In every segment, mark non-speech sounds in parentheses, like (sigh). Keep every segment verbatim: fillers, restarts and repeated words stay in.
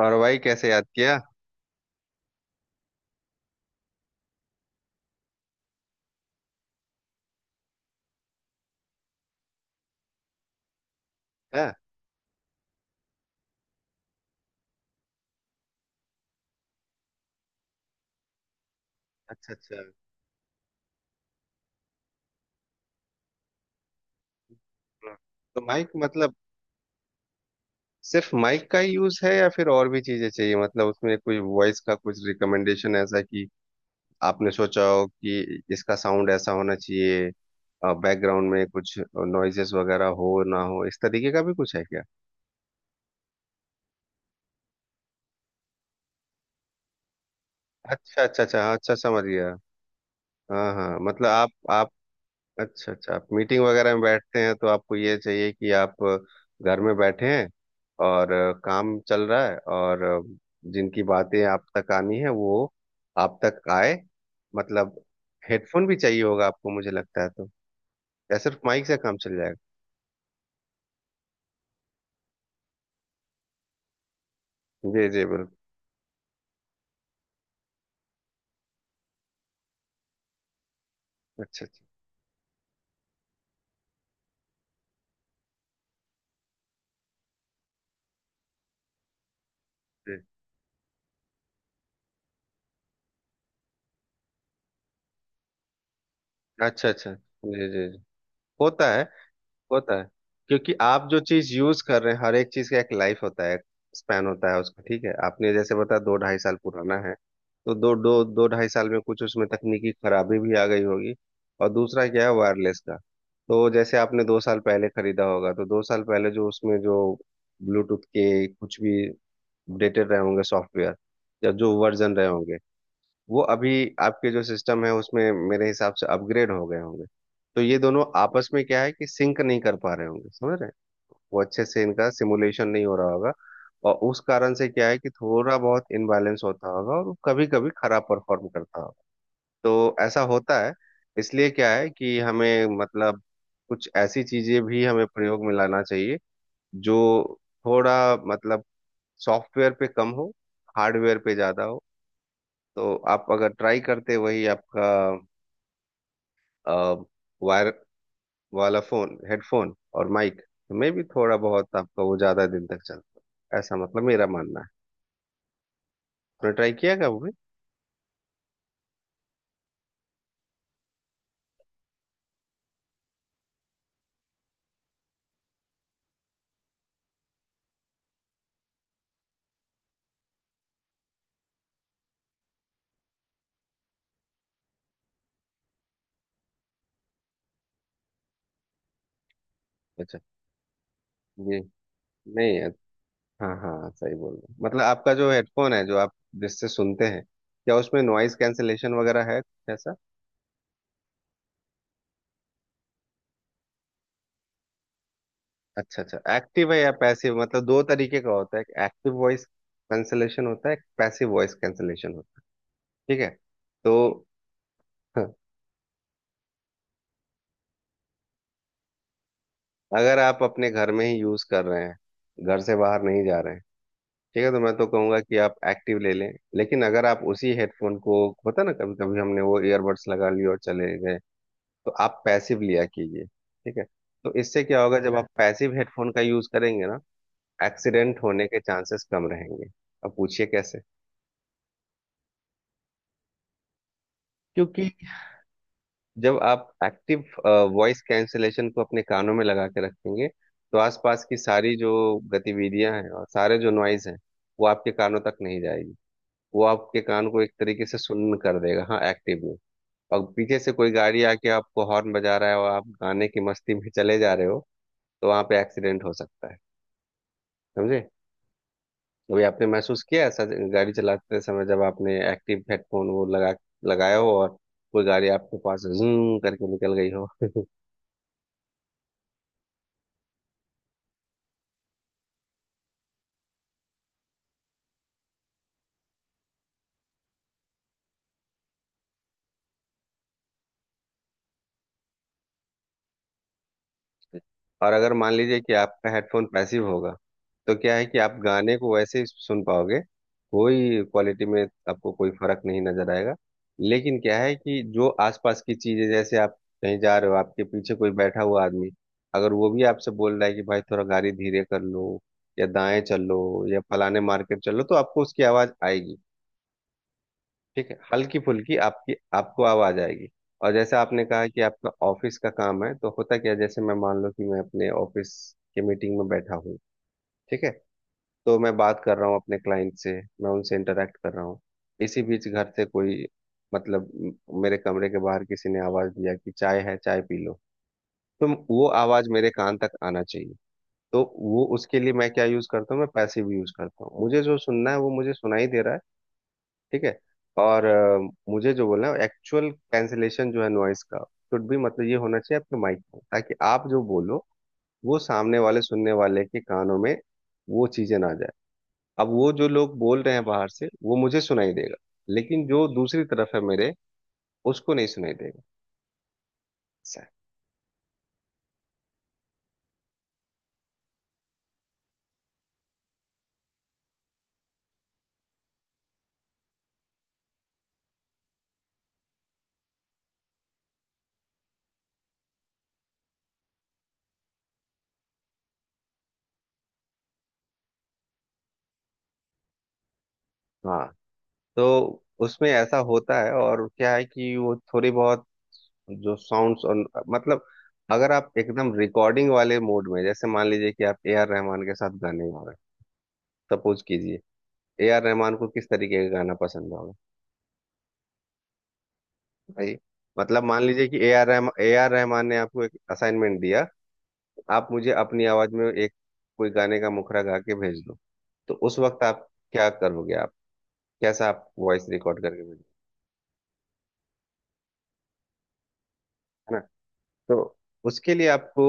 और भाई कैसे याद किया है। अच्छा अच्छा। हम्म। तो माइक मतलब सिर्फ माइक का ही यूज है या फिर और भी चीजें चाहिए? मतलब उसमें कोई वॉइस का कुछ रिकमेंडेशन ऐसा कि आपने सोचा हो कि इसका साउंड ऐसा होना चाहिए, बैकग्राउंड में कुछ नॉइजेस वगैरह हो ना हो, इस तरीके का भी कुछ है क्या? अच्छा अच्छा अच्छा, हाँ, अच्छा समझ गया। हाँ हाँ, मतलब आप आप अच्छा अच्छा, आप मीटिंग वगैरह में बैठते हैं तो आपको ये चाहिए कि आप घर में बैठे हैं और काम चल रहा है, और जिनकी बातें आप तक आनी है वो आप तक आए, मतलब हेडफोन भी चाहिए होगा आपको मुझे लगता है, तो या सिर्फ माइक से काम चल जाएगा? जी जी बिल्कुल। अच्छा अच्छा जी। अच्छा अच्छा जी जी जी। होता है। होता है, क्योंकि आप जो चीज यूज कर रहे हैं हर एक चीज का एक लाइफ होता है, स्पैन होता है उसका। ठीक है, आपने जैसे बताया दो ढाई साल पुराना है, तो दो दो दो ढाई साल में कुछ उसमें तकनीकी खराबी भी आ गई होगी। और दूसरा क्या है, वायरलेस का, तो जैसे आपने दो साल पहले खरीदा होगा, तो दो साल पहले जो उसमें जो ब्लूटूथ के कुछ भी अपडेटेड रहे होंगे सॉफ्टवेयर या जो वर्जन रहे होंगे, वो अभी आपके जो सिस्टम है उसमें मेरे हिसाब से अपग्रेड हो गए होंगे। तो ये दोनों आपस में क्या है कि सिंक नहीं कर पा रहे होंगे, समझ रहे हैं, वो अच्छे से इनका सिमुलेशन नहीं हो रहा होगा। और उस कारण से क्या है कि थोड़ा बहुत इनबैलेंस होता होगा और कभी कभी खराब परफॉर्म करता होगा। तो ऐसा होता है। इसलिए क्या है कि हमें मतलब कुछ ऐसी चीजें भी हमें प्रयोग में लाना चाहिए जो थोड़ा मतलब सॉफ्टवेयर पे कम हो, हार्डवेयर पे ज्यादा हो। तो आप अगर ट्राई करते वही आपका अ, वायर वाला फोन हेडफोन और माइक में भी थोड़ा बहुत आपका वो ज्यादा दिन तक चलता है, ऐसा मतलब मेरा मानना है। आपने ट्राई किया क्या वो भी? अच्छा जी। नहीं। हाँ हाँ सही बोल रहे हैं। मतलब आपका जो हेडफोन है जो आप जिससे सुनते हैं, क्या उसमें नॉइज कैंसलेशन वगैरह है कुछ ऐसा? अच्छा अच्छा, एक्टिव है या पैसिव? मतलब दो तरीके का होता है, एक्टिव वॉइस कैंसलेशन होता है, पैसिव वॉइस कैंसलेशन होता है। ठीक है। तो (laughs) अगर आप अपने घर में ही यूज कर रहे हैं, घर से बाहर नहीं जा रहे हैं, ठीक है, तो मैं तो कहूंगा कि आप एक्टिव ले लें। लेकिन अगर आप उसी हेडफोन को, होता ना, कभी कभी हमने वो ईयरबड्स लगा लिए और चले गए, तो आप पैसिव लिया कीजिए। ठीक है। तो इससे क्या होगा, जब आप पैसिव हेडफोन का यूज करेंगे ना, एक्सीडेंट होने के चांसेस कम रहेंगे। अब पूछिए कैसे। क्योंकि जब आप एक्टिव वॉइस कैंसलेशन को अपने कानों में लगा के रखेंगे, तो आसपास की सारी जो गतिविधियां हैं और सारे जो नॉइज हैं, वो आपके कानों तक नहीं जाएगी। वो आपके कान को एक तरीके से सुन्न कर देगा, हाँ, एक्टिव में। और पीछे से कोई गाड़ी आके आपको हॉर्न बजा रहा है और आप गाने की मस्ती में चले जा रहे हो, तो वहां पे एक्सीडेंट हो सकता है। समझे। अभी आपने महसूस किया ऐसा, गाड़ी चलाते समय जब आपने एक्टिव हेडफोन वो लगा लगाया हो और कोई गाड़ी आपके पास जूम करके निकल गई हो? (laughs) और अगर मान लीजिए कि आपका हेडफोन पैसिव होगा, तो क्या है कि आप गाने को वैसे ही सुन पाओगे, कोई क्वालिटी में आपको कोई फर्क नहीं नजर आएगा। लेकिन क्या है कि जो आसपास की चीजें, जैसे आप कहीं जा रहे हो, आपके पीछे कोई बैठा हुआ आदमी अगर वो भी आपसे बोल रहा है कि भाई थोड़ा गाड़ी धीरे कर लो या दाएं चल लो या फलाने मार्केट चलो, तो आपको उसकी आवाज आएगी। ठीक है, हल्की फुल्की आपकी आपको आवाज आएगी। और जैसे आपने कहा कि आपका ऑफिस का काम है, तो होता क्या है, जैसे मैं मान लो कि मैं अपने ऑफिस के मीटिंग में बैठा हूँ, ठीक है, तो मैं बात कर रहा हूँ अपने क्लाइंट से, मैं उनसे इंटरेक्ट कर रहा हूँ, इसी बीच घर से कोई, मतलब म- मेरे कमरे के बाहर किसी ने आवाज दिया कि चाय है चाय पी लो, तो वो आवाज मेरे कान तक आना चाहिए। तो वो उसके लिए मैं क्या यूज करता हूँ, मैं पैसिव यूज करता हूँ, मुझे जो सुनना है वो मुझे सुनाई दे रहा है। ठीक है। और अ, मुझे जो बोलना है, एक्चुअल कैंसिलेशन जो है नॉइस का, शुड भी मतलब ये होना चाहिए आपके माइक में, ताकि आप जो बोलो वो सामने वाले सुनने वाले के कानों में वो चीजें ना जाए। अब वो जो लोग बोल रहे हैं बाहर से वो मुझे सुनाई देगा, लेकिन जो दूसरी तरफ है मेरे, उसको नहीं सुनाई देगा। ऐसा है। हाँ, तो उसमें ऐसा होता है। और क्या है कि वो थोड़ी बहुत जो साउंड्स और मतलब अगर आप एकदम रिकॉर्डिंग वाले मोड में, जैसे मान लीजिए कि आप ए आर रहमान के साथ गाने गा रहे हैं, सपोज कीजिए, ए आर रहमान को किस तरीके का गाना पसंद होगा भाई। मतलब मान लीजिए कि A R Rahman A R Rahman ने आपको एक असाइनमेंट दिया, आप मुझे अपनी आवाज में एक कोई गाने का मुखड़ा गा के भेज दो, तो उस वक्त आप क्या करोगे, आप कैसा आप वॉइस रिकॉर्ड करके भेजोगे? है ना। तो उसके लिए आपको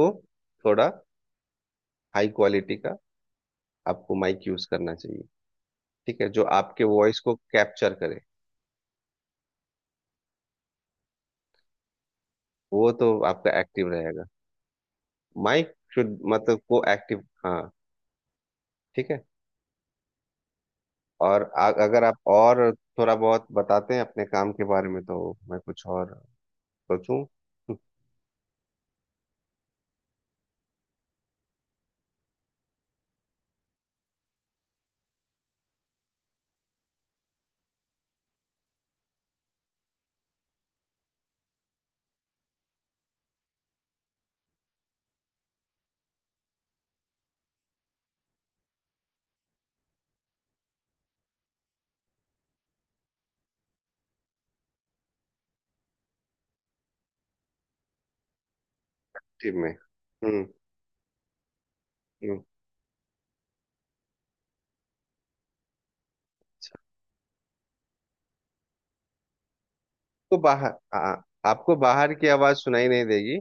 थोड़ा हाई क्वालिटी का आपको माइक यूज करना चाहिए, ठीक है, जो आपके वॉइस को कैप्चर करे। वो तो आपका एक्टिव रहेगा, माइक शुड मतलब को एक्टिव, हाँ। ठीक है। और आ, अगर आप और थोड़ा बहुत बताते हैं अपने काम के बारे में तो मैं कुछ और सोचूं। टीम में हम्म। हम्म। तो बाहर आ, आपको बाहर की आवाज सुनाई नहीं देगी,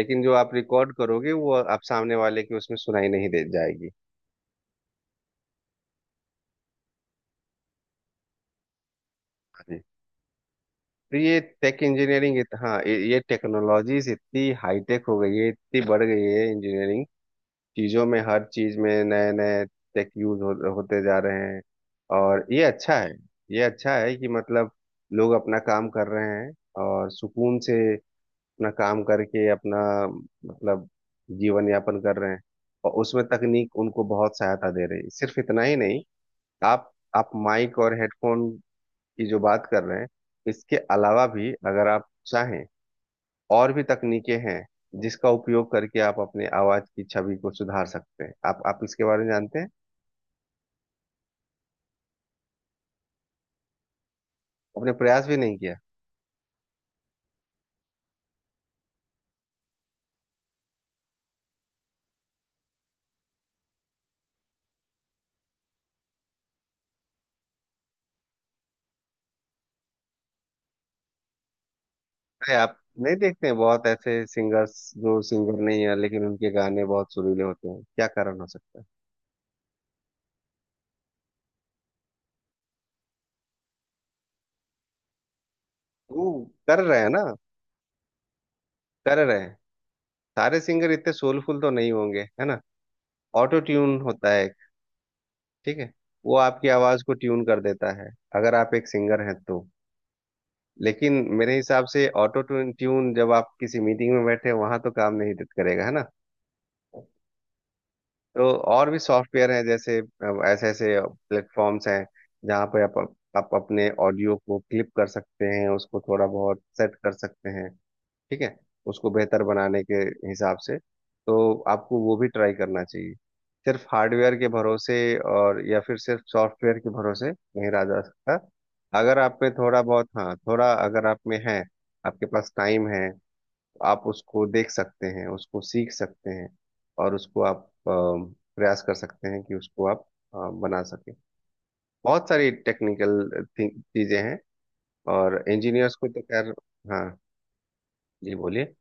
लेकिन जो आप रिकॉर्ड करोगे वो आप सामने वाले की उसमें सुनाई नहीं दे जाएगी। जी, तो ये टेक इंजीनियरिंग, हाँ, ये टेक्नोलॉजीज इतनी हाईटेक हो गई है, इतनी बढ़ गई है इंजीनियरिंग चीज़ों में, हर चीज़ में नए नए टेक यूज हो, होते जा रहे हैं। और ये अच्छा है। ये अच्छा है कि मतलब लोग अपना काम कर रहे हैं और सुकून से अपना काम करके अपना मतलब जीवन यापन कर रहे हैं, और उसमें तकनीक उनको बहुत सहायता दे रही है। सिर्फ इतना ही नहीं, आप आप माइक और हेडफोन की जो बात कर रहे हैं, इसके अलावा भी अगर आप चाहें और भी तकनीकें हैं, जिसका उपयोग करके आप अपने आवाज की छवि को सुधार सकते हैं। आप आप इसके बारे में जानते हैं, अपने प्रयास भी नहीं किया? अरे आप नहीं देखते हैं बहुत ऐसे सिंगर्स जो सिंगर नहीं है लेकिन उनके गाने बहुत सुरीले होते हैं, क्या कारण हो सकता है? वो कर रहे हैं ना, कर रहे हैं। सारे सिंगर इतने सोलफुल तो नहीं होंगे, है ना। ऑटो ट्यून होता है एक, ठीक है, वो आपकी आवाज को ट्यून कर देता है, अगर आप एक सिंगर हैं तो। लेकिन मेरे हिसाब से ऑटो ट्यून ट्यून जब आप किसी मीटिंग में बैठे वहां तो काम नहीं दे- करेगा, है ना। तो और भी सॉफ्टवेयर हैं, जैसे अ, ऐसे ऐसे प्लेटफॉर्म्स हैं जहाँ पे आप आप अपने ऑडियो को क्लिप कर सकते हैं, उसको थोड़ा बहुत सेट कर सकते हैं, ठीक है, उसको बेहतर बनाने के हिसाब से। तो आपको वो भी ट्राई करना चाहिए, सिर्फ हार्डवेयर के भरोसे और या फिर सिर्फ सॉफ्टवेयर के भरोसे नहीं रहा जा सकता। अगर आप में थोड़ा बहुत, हाँ, थोड़ा अगर आप में है, आपके पास टाइम है, तो आप उसको देख सकते हैं, उसको सीख सकते हैं, और उसको आप अ, प्रयास कर सकते हैं कि उसको आप अ, बना सके। बहुत सारी टेक्निकल चीजें हैं, और इंजीनियर्स को तो खैर, हाँ। जी बोलिए।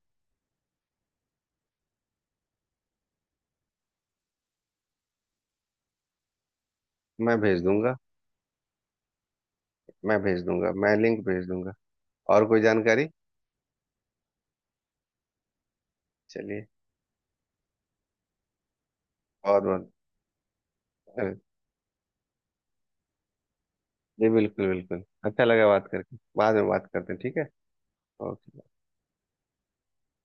मैं भेज दूंगा। मैं भेज दूंगा मैं लिंक भेज दूंगा। और कोई जानकारी? चलिए, बहुत बहुत, अरे, जी बिल्कुल बिल्कुल, अच्छा लगा बात करके, बाद में बात करते हैं, ठीक है। ओके।